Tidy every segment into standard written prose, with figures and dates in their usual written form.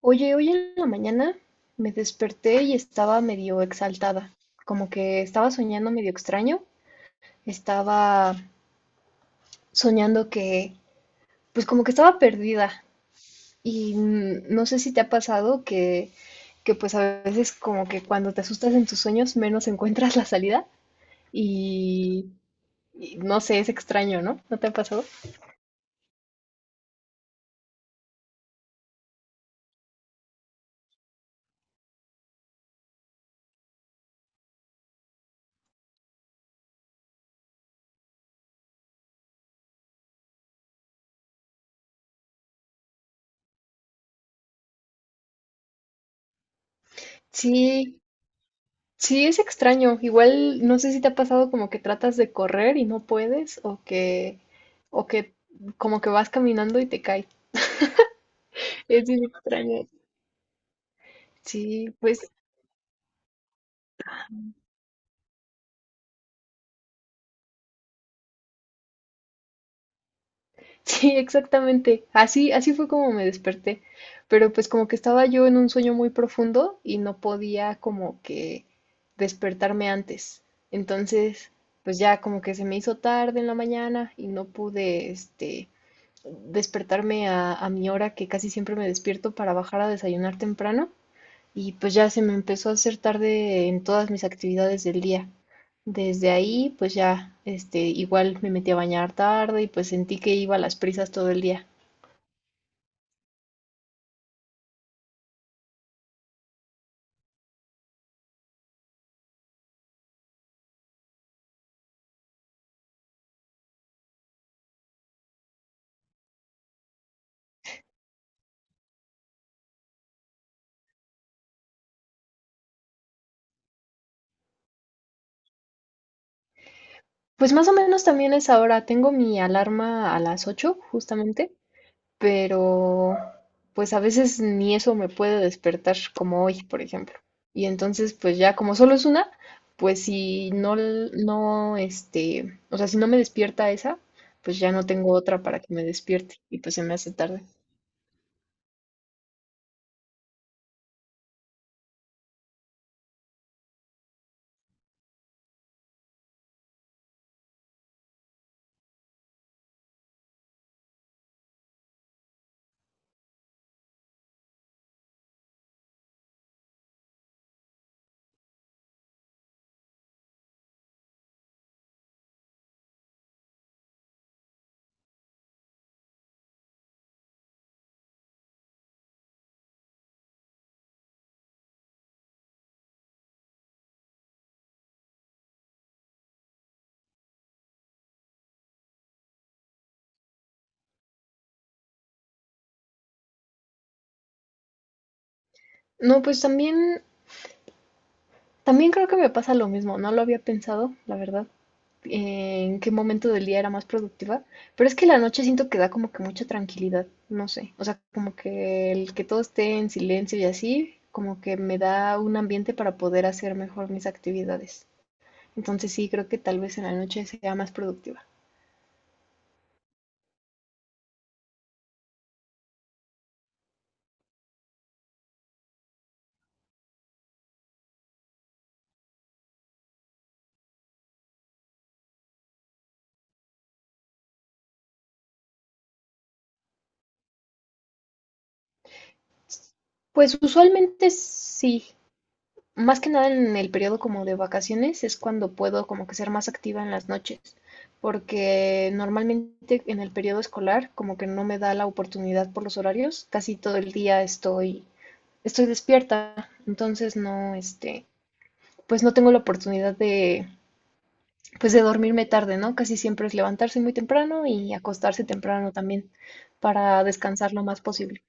Oye, hoy en la mañana me desperté y estaba medio exaltada, como que estaba soñando medio extraño, estaba soñando que, pues como que estaba perdida y no sé si te ha pasado que pues a veces como que cuando te asustas en tus sueños menos encuentras la salida y, y no sé, es extraño, ¿no? ¿No te ha pasado? Sí, sí, es extraño. Igual no sé si te ha pasado como que tratas de correr y no puedes, o que como que vas caminando y te cae. Es bien extraño. Sí, pues sí, exactamente. Así, así fue como me desperté. Pero pues como que estaba yo en un sueño muy profundo y no podía como que despertarme antes. Entonces, pues ya como que se me hizo tarde en la mañana y no pude, despertarme a mi hora que casi siempre me despierto para bajar a desayunar temprano y pues ya se me empezó a hacer tarde en todas mis actividades del día. Desde ahí pues ya este igual me metí a bañar tarde y pues sentí que iba a las prisas todo el día. Pues más o menos también es ahora, tengo mi alarma a las 8 justamente, pero pues a veces ni eso me puede despertar, como hoy, por ejemplo. Y entonces, pues ya como solo es una, pues si no, no, este, o sea, si no me despierta esa, pues ya no tengo otra para que me despierte y pues se me hace tarde. No, pues también, también creo que me pasa lo mismo, no lo había pensado, la verdad. En qué momento del día era más productiva, pero es que la noche siento que da como que mucha tranquilidad, no sé, o sea, como que el que todo esté en silencio y así, como que me da un ambiente para poder hacer mejor mis actividades. Entonces sí, creo que tal vez en la noche sea más productiva. Pues usualmente sí. Más que nada en el periodo como de vacaciones es cuando puedo como que ser más activa en las noches, porque normalmente en el periodo escolar como que no me da la oportunidad por los horarios, casi todo el día estoy despierta, entonces pues no tengo la oportunidad de pues de dormirme tarde, ¿no? Casi siempre es levantarse muy temprano y acostarse temprano también para descansar lo más posible.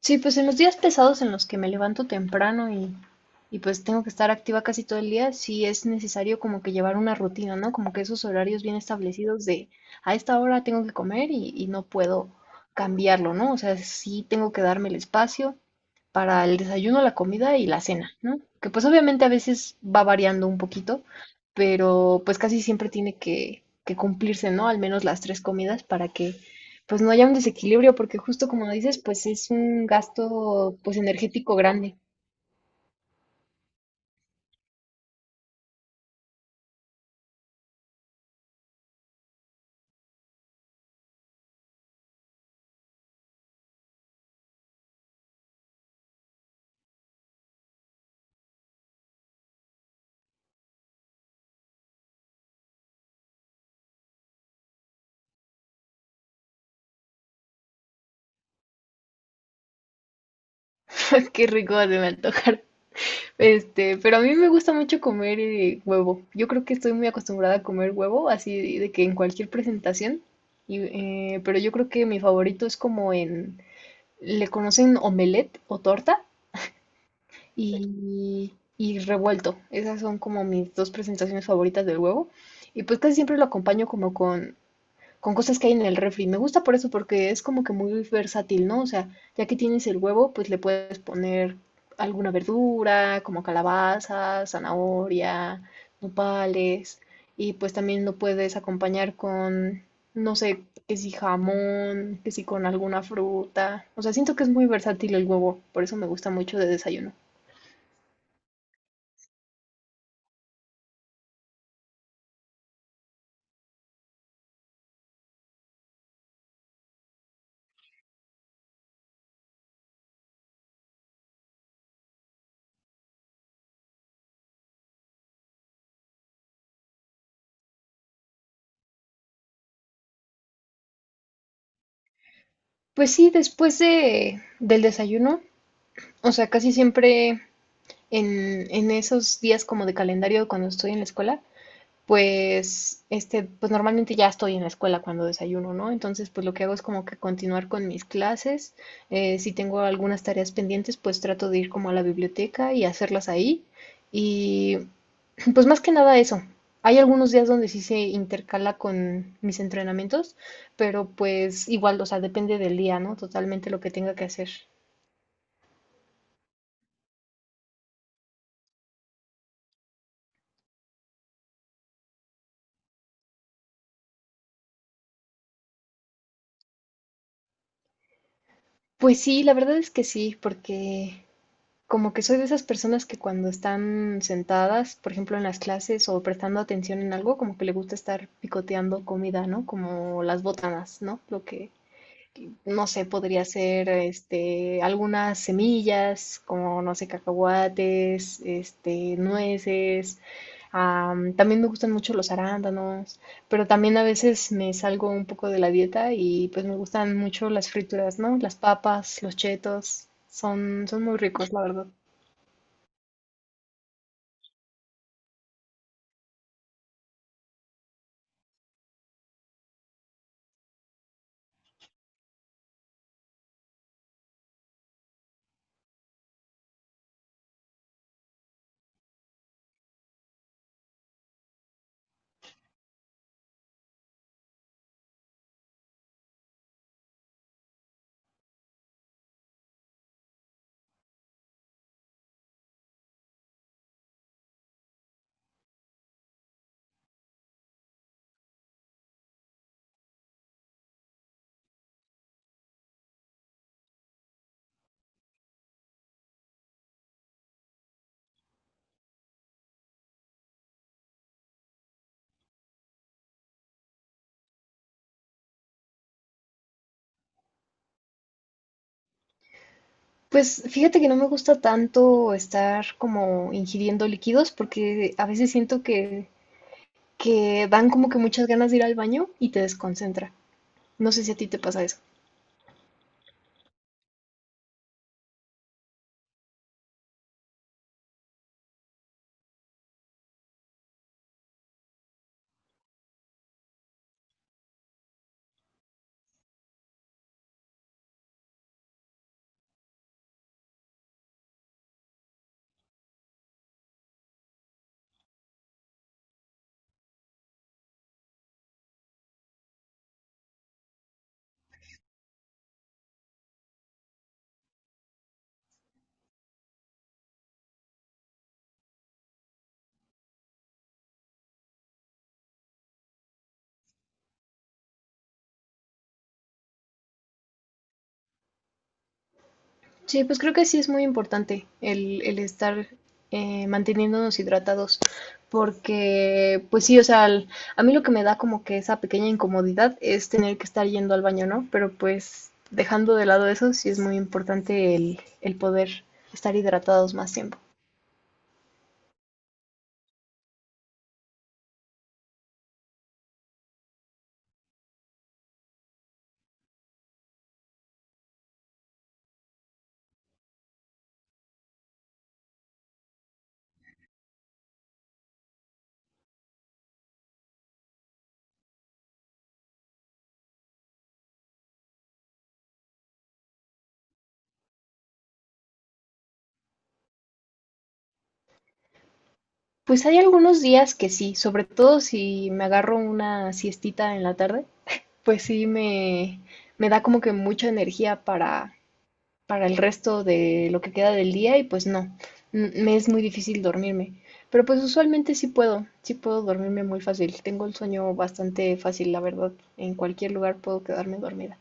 Sí, pues en los días pesados en los que me levanto temprano y pues tengo que estar activa casi todo el día, sí es necesario como que llevar una rutina, ¿no? Como que esos horarios bien establecidos de a esta hora tengo que comer y no puedo cambiarlo, ¿no? O sea, sí tengo que darme el espacio para el desayuno, la comida y la cena, ¿no? Que pues obviamente a veces va variando un poquito, pero pues casi siempre tiene que cumplirse, ¿no? Al menos las tres comidas para que pues no haya un desequilibrio, porque justo como dices, pues es un gasto pues energético grande. Qué rico se me antojar. Este, pero a mí me gusta mucho comer huevo. Yo creo que estoy muy acostumbrada a comer huevo, así de que en cualquier presentación. Y, pero yo creo que mi favorito es como en, le conocen omelette o torta y revuelto. Esas son como mis dos presentaciones favoritas del huevo. Y pues casi siempre lo acompaño como con cosas que hay en el refri. Me gusta por eso, porque es como que muy versátil, ¿no? O sea, ya que tienes el huevo, pues le puedes poner alguna verdura, como calabaza, zanahoria, nopales, y pues también lo puedes acompañar con, no sé, que si jamón, que si con alguna fruta. O sea, siento que es muy versátil el huevo, por eso me gusta mucho de desayuno. Pues sí, del desayuno, o sea, casi siempre en esos días como de calendario cuando estoy en la escuela, pues, este, pues normalmente ya estoy en la escuela cuando desayuno, ¿no? Entonces, pues lo que hago es como que continuar con mis clases. Si tengo algunas tareas pendientes, pues trato de ir como a la biblioteca y hacerlas ahí. Y pues más que nada eso. Hay algunos días donde sí se intercala con mis entrenamientos, pero pues igual, o sea, depende del día, ¿no? Totalmente lo que tenga que hacer. Pues sí, la verdad es que sí, porque como que soy de esas personas que cuando están sentadas, por ejemplo, en las clases o prestando atención en algo, como que le gusta estar picoteando comida, ¿no? Como las botanas, ¿no? Lo que, no sé, podría ser, este, algunas semillas, como, no sé, cacahuates, este, nueces. También me gustan mucho los arándanos, pero también a veces me salgo un poco de la dieta y pues me gustan mucho las frituras, ¿no? Las papas, los chetos, son, son muy ricos, la verdad. Pues fíjate que no me gusta tanto estar como ingiriendo líquidos porque a veces siento que dan como que muchas ganas de ir al baño y te desconcentra. No sé si a ti te pasa eso. Sí, pues creo que sí es muy importante el estar manteniéndonos hidratados porque pues sí, o sea, a mí lo que me da como que esa pequeña incomodidad es tener que estar yendo al baño, ¿no? Pero pues dejando de lado eso, sí es muy importante el poder estar hidratados más tiempo. Pues hay algunos días que sí, sobre todo si me agarro una siestita en la tarde, pues sí me da como que mucha energía para el resto de lo que queda del día y pues no, me es muy difícil dormirme. Pero pues usualmente sí puedo dormirme muy fácil. Tengo el sueño bastante fácil, la verdad. En cualquier lugar puedo quedarme dormida.